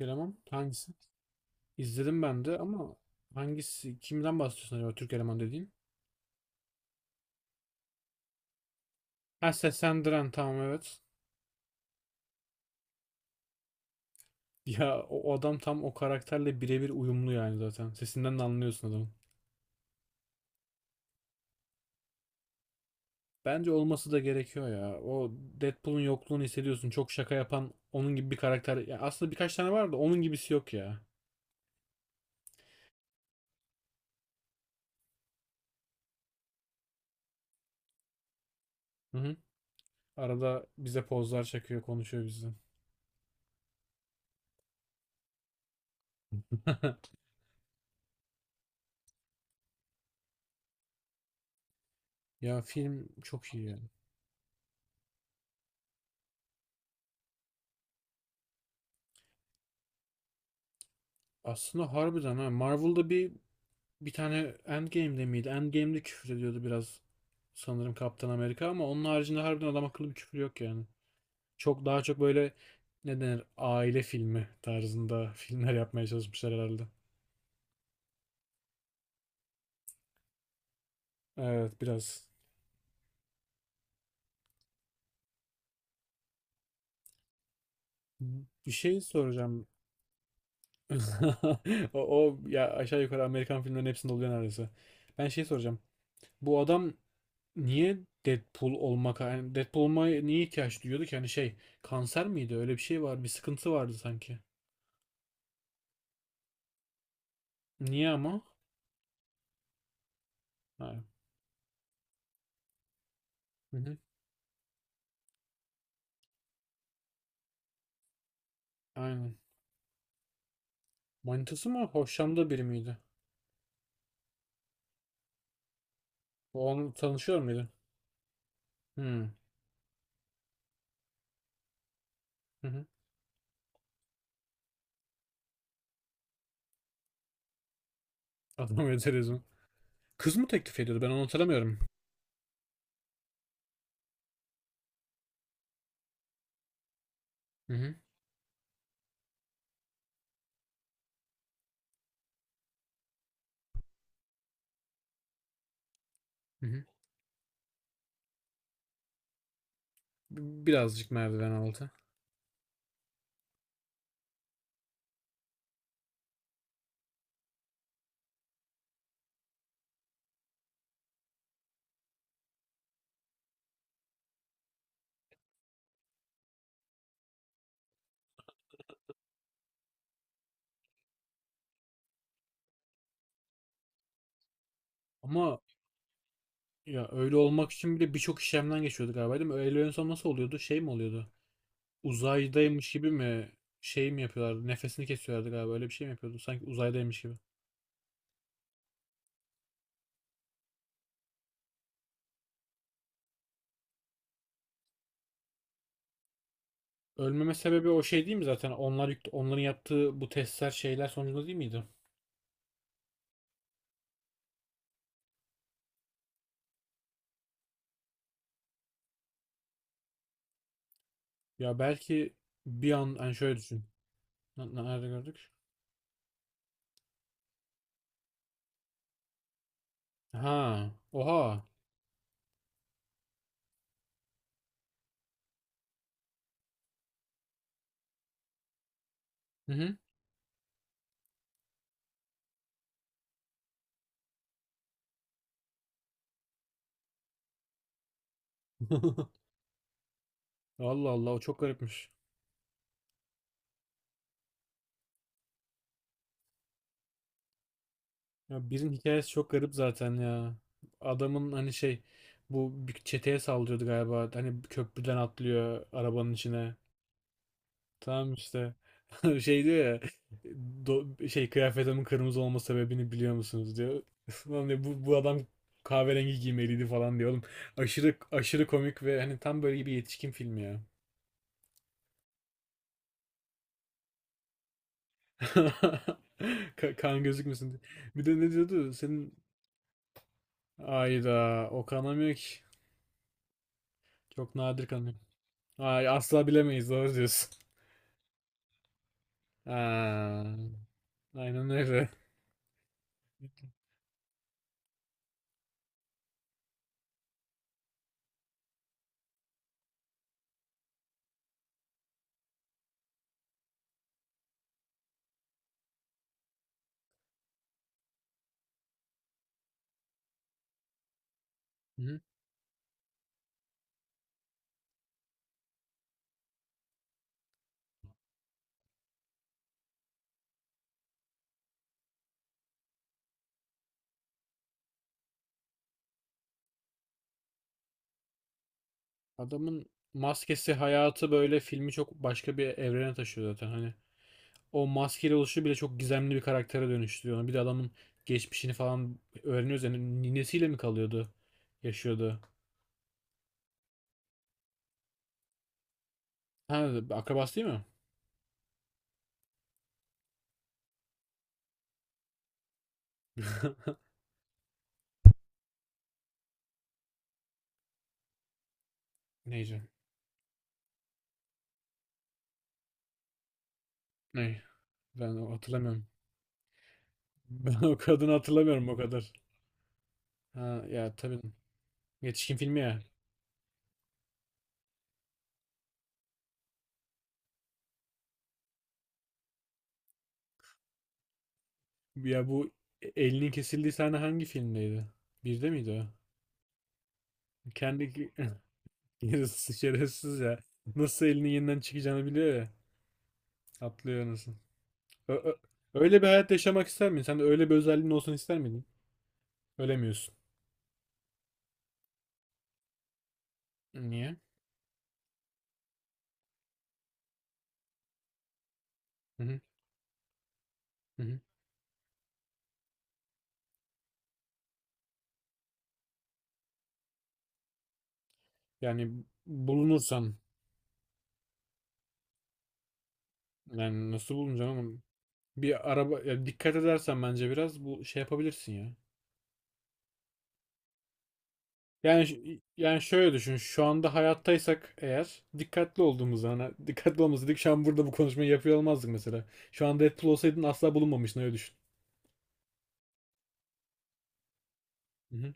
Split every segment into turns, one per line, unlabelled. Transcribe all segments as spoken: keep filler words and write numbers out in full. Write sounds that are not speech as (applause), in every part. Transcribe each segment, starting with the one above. Eleman hangisi? İzledim ben de ama hangisi kimden bahsediyorsun acaba Türk eleman dediğin? Ha, seslendiren tamam evet. Ya o o adam tam o karakterle birebir uyumlu yani zaten. Sesinden de anlıyorsun adamın. Bence olması da gerekiyor ya. O Deadpool'un yokluğunu hissediyorsun. Çok şaka yapan onun gibi bir karakter. Ya aslında birkaç tane var da onun gibisi yok ya. Hı hı. Arada bize pozlar çekiyor, konuşuyor bizden. (laughs) Ya film çok iyi yani. Aslında harbiden, ha, Marvel'da bir. Bir tane. Endgame'de miydi? Endgame'de küfür ediyordu biraz sanırım, Kaptan Amerika, ama onun haricinde harbiden adam akıllı bir küfür yok yani. Çok daha çok böyle, ne denir, aile filmi tarzında (laughs) filmler yapmaya çalışmışlar herhalde. Evet, biraz. Bir şey soracağım. (laughs) O, o ya aşağı yukarı Amerikan filmlerin hepsinde oluyor neredeyse. Ben şey soracağım. Bu adam niye Deadpool olmak yani Deadpool olmaya niye ihtiyaç duyuyordu ki? Hani şey, kanser miydi? Öyle bir şey var. Bir sıkıntı vardı sanki. Niye ama? Ha, hı hı. Aynen. Manitası mı? Hoşlandığı biri miydi? O onunla tanışıyor muydu? Hı. Hı hı. Adam ederiz mi? Kız mı teklif ediyordu? Ben onu hatırlamıyorum. Hı hı. Hı hı. B- Birazcık merdiven altı. Ama ya öyle olmak için bile birçok işlemden geçiyorduk galiba, değil mi? Öyle en son nasıl oluyordu? Şey mi oluyordu? Uzaydaymış gibi mi, şey mi yapıyorlardı? Nefesini kesiyorlardı galiba. Öyle bir şey mi yapıyordu? Sanki uzaydaymış gibi. Ölmeme sebebi o şey değil mi zaten? Onlar yük- onların yaptığı bu testler şeyler sonucunda değil miydi? Ya belki bir an hani şöyle düşün. N- Nerede gördük? Ha, oha. Hı hı. (laughs) Allah Allah, o çok garipmiş. Ya birinin hikayesi çok garip zaten ya. Adamın hani şey, bu bir çeteye saldırıyordu galiba. Hani köprüden atlıyor arabanın içine. Tamam işte. (laughs) Şey diyor ya, do- şey kıyafetimin kırmızı olma sebebini biliyor musunuz, diyor. (laughs) Lan diyor, bu, bu adam kahverengi giymeliydi falan diyor oğlum. Aşırı aşırı komik ve hani tam böyle bir yetişkin filmi ya. (laughs) Ka- Kan gözükmesin diye. Bir de ne diyordu? Senin ayda o kanamıyor ki. Çok nadir kanıyor. Ay asla bilemeyiz, doğru diyorsun. Ha, aynen öyle. Hı. Adamın maskesi hayatı böyle filmi çok başka bir evrene taşıyor zaten. Hani o maskeyle oluşu bile çok gizemli bir karaktere dönüştürüyor onu. Bir de adamın geçmişini falan öğreniyoruz. Yani ninesiyle mi kalıyordu? Yaşıyordu. Ha, akrabası değil mi? (laughs) Neyse. Ne? Ben o- hatırlamıyorum. (laughs) Ben o kadını hatırlamıyorum o kadar. Ha ya tabii. Yetişkin filmi ya. Ya bu, e, elinin kesildiği sahne hangi filmdeydi? Birde miydi o? Kendi (laughs) yarısı şerefsiz ya. Nasıl elinin yeniden çıkacağını biliyor ya. Atlıyor nasıl. Öyle bir hayat yaşamak ister miydin? Sen de öyle bir özelliğin olsun ister miydin? Ölemiyorsun. Niye? Hı hı. Hı hı. Yani bulunursan yani nasıl bulunacaksın oğlum? Bir araba ya dikkat edersen bence biraz bu şey yapabilirsin ya. Yani ş- yani şöyle düşün. Şu anda hayattaysak eğer dikkatli olduğumuz, hani dikkatli olmasaydık şu an burada bu konuşmayı yapıyor olmazdık mesela. Şu an Deadpool olsaydın asla bulunmamıştın, öyle düşün. Hı hı.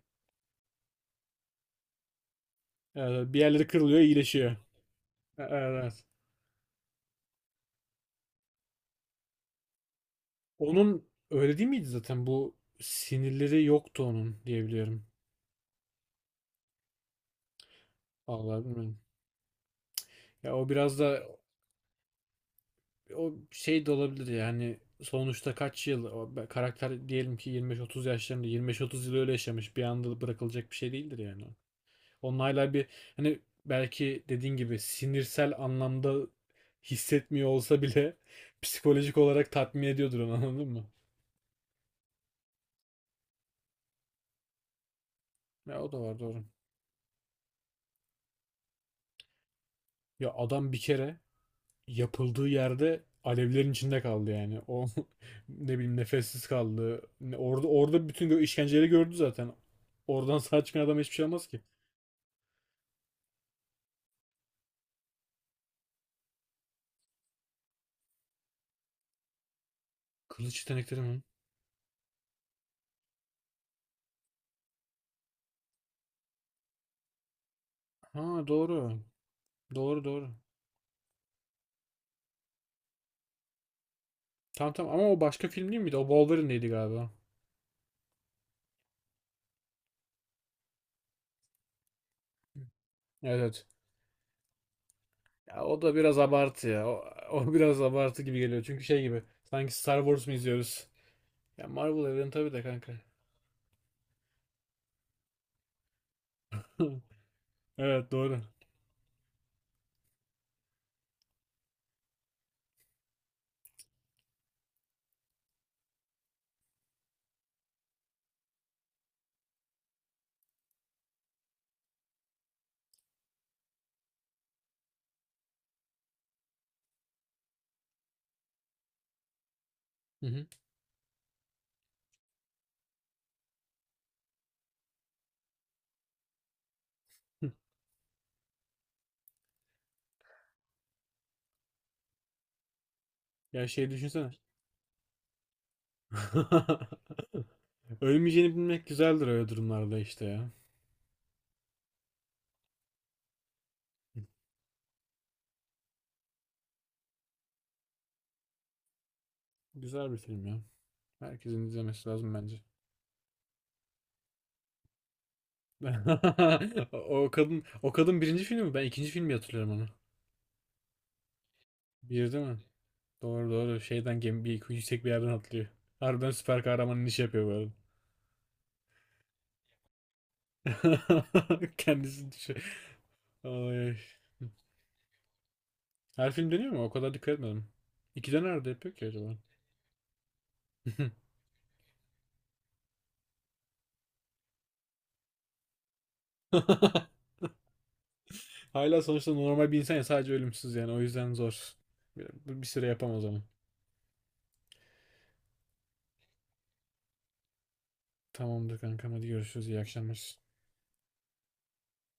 Ee, bir yerleri kırılıyor, iyileşiyor. E- e, Evet. evet. Onun öyle değil miydi zaten? Bu sinirleri yoktu onun, diyebiliyorum. Vallahi bilmiyorum. Ya o biraz da o şey de olabilir yani. Sonuçta kaç yıl o be- karakter, diyelim ki yirmi beş otuz yaşlarında, yirmi beş otuz yıl öyle yaşamış, bir anda bırakılacak bir şey değildir yani. Onlarla bir, hani belki dediğin gibi sinirsel anlamda hissetmiyor olsa bile, (laughs) psikolojik olarak tatmin ediyordur onu, anladın mı? Ya o da var, doğru. Ya adam bir kere yapıldığı yerde alevlerin içinde kaldı yani. O (laughs) ne bileyim, nefessiz kaldı. Ne- Orada orada bütün gö- işkenceleri gördü zaten. Oradan sağ çıkan adam hiçbir şey olmaz ki. Kılıç yetenekleri mi? Ha, doğru. Doğru, doğru. Tamam tamam, ama o başka film değil miydi? O Wolverine'deydi galiba. Evet, evet. Ya o da biraz abartı ya. O, o (laughs) biraz abartı gibi geliyor. Çünkü şey gibi. Sanki Star Wars mu izliyoruz? Ya Marvel evreni tabii de kanka. (laughs) Evet, doğru. Hı hı. (laughs) Hı. Ya şey düşünsene. (laughs) Ölmeyeceğini bilmek güzeldir öyle durumlarda işte ya. Güzel bir film ya. Herkesin izlemesi lazım bence. (laughs) O o kadın o kadın birinci filmi mi? Ben ikinci filmi hatırlıyorum onu. Bir değil mi? Doğru, doğru. Şeyden gemi bir yüksek bir yerden atlıyor. Harbiden süper kahramanın işi yapıyor böyle. (laughs) Kendisi düşüyor. Ay. Her film dönüyor mu? O kadar dikkat etmedim. İki döner de yapıyor ki acaba. (laughs) Hala sonuçta normal bir insan ya, sadece ölümsüz yani o yüzden zor. Bir, bir süre yapamaz onu. Tamamdır kankam, hadi görüşürüz, iyi akşamlar.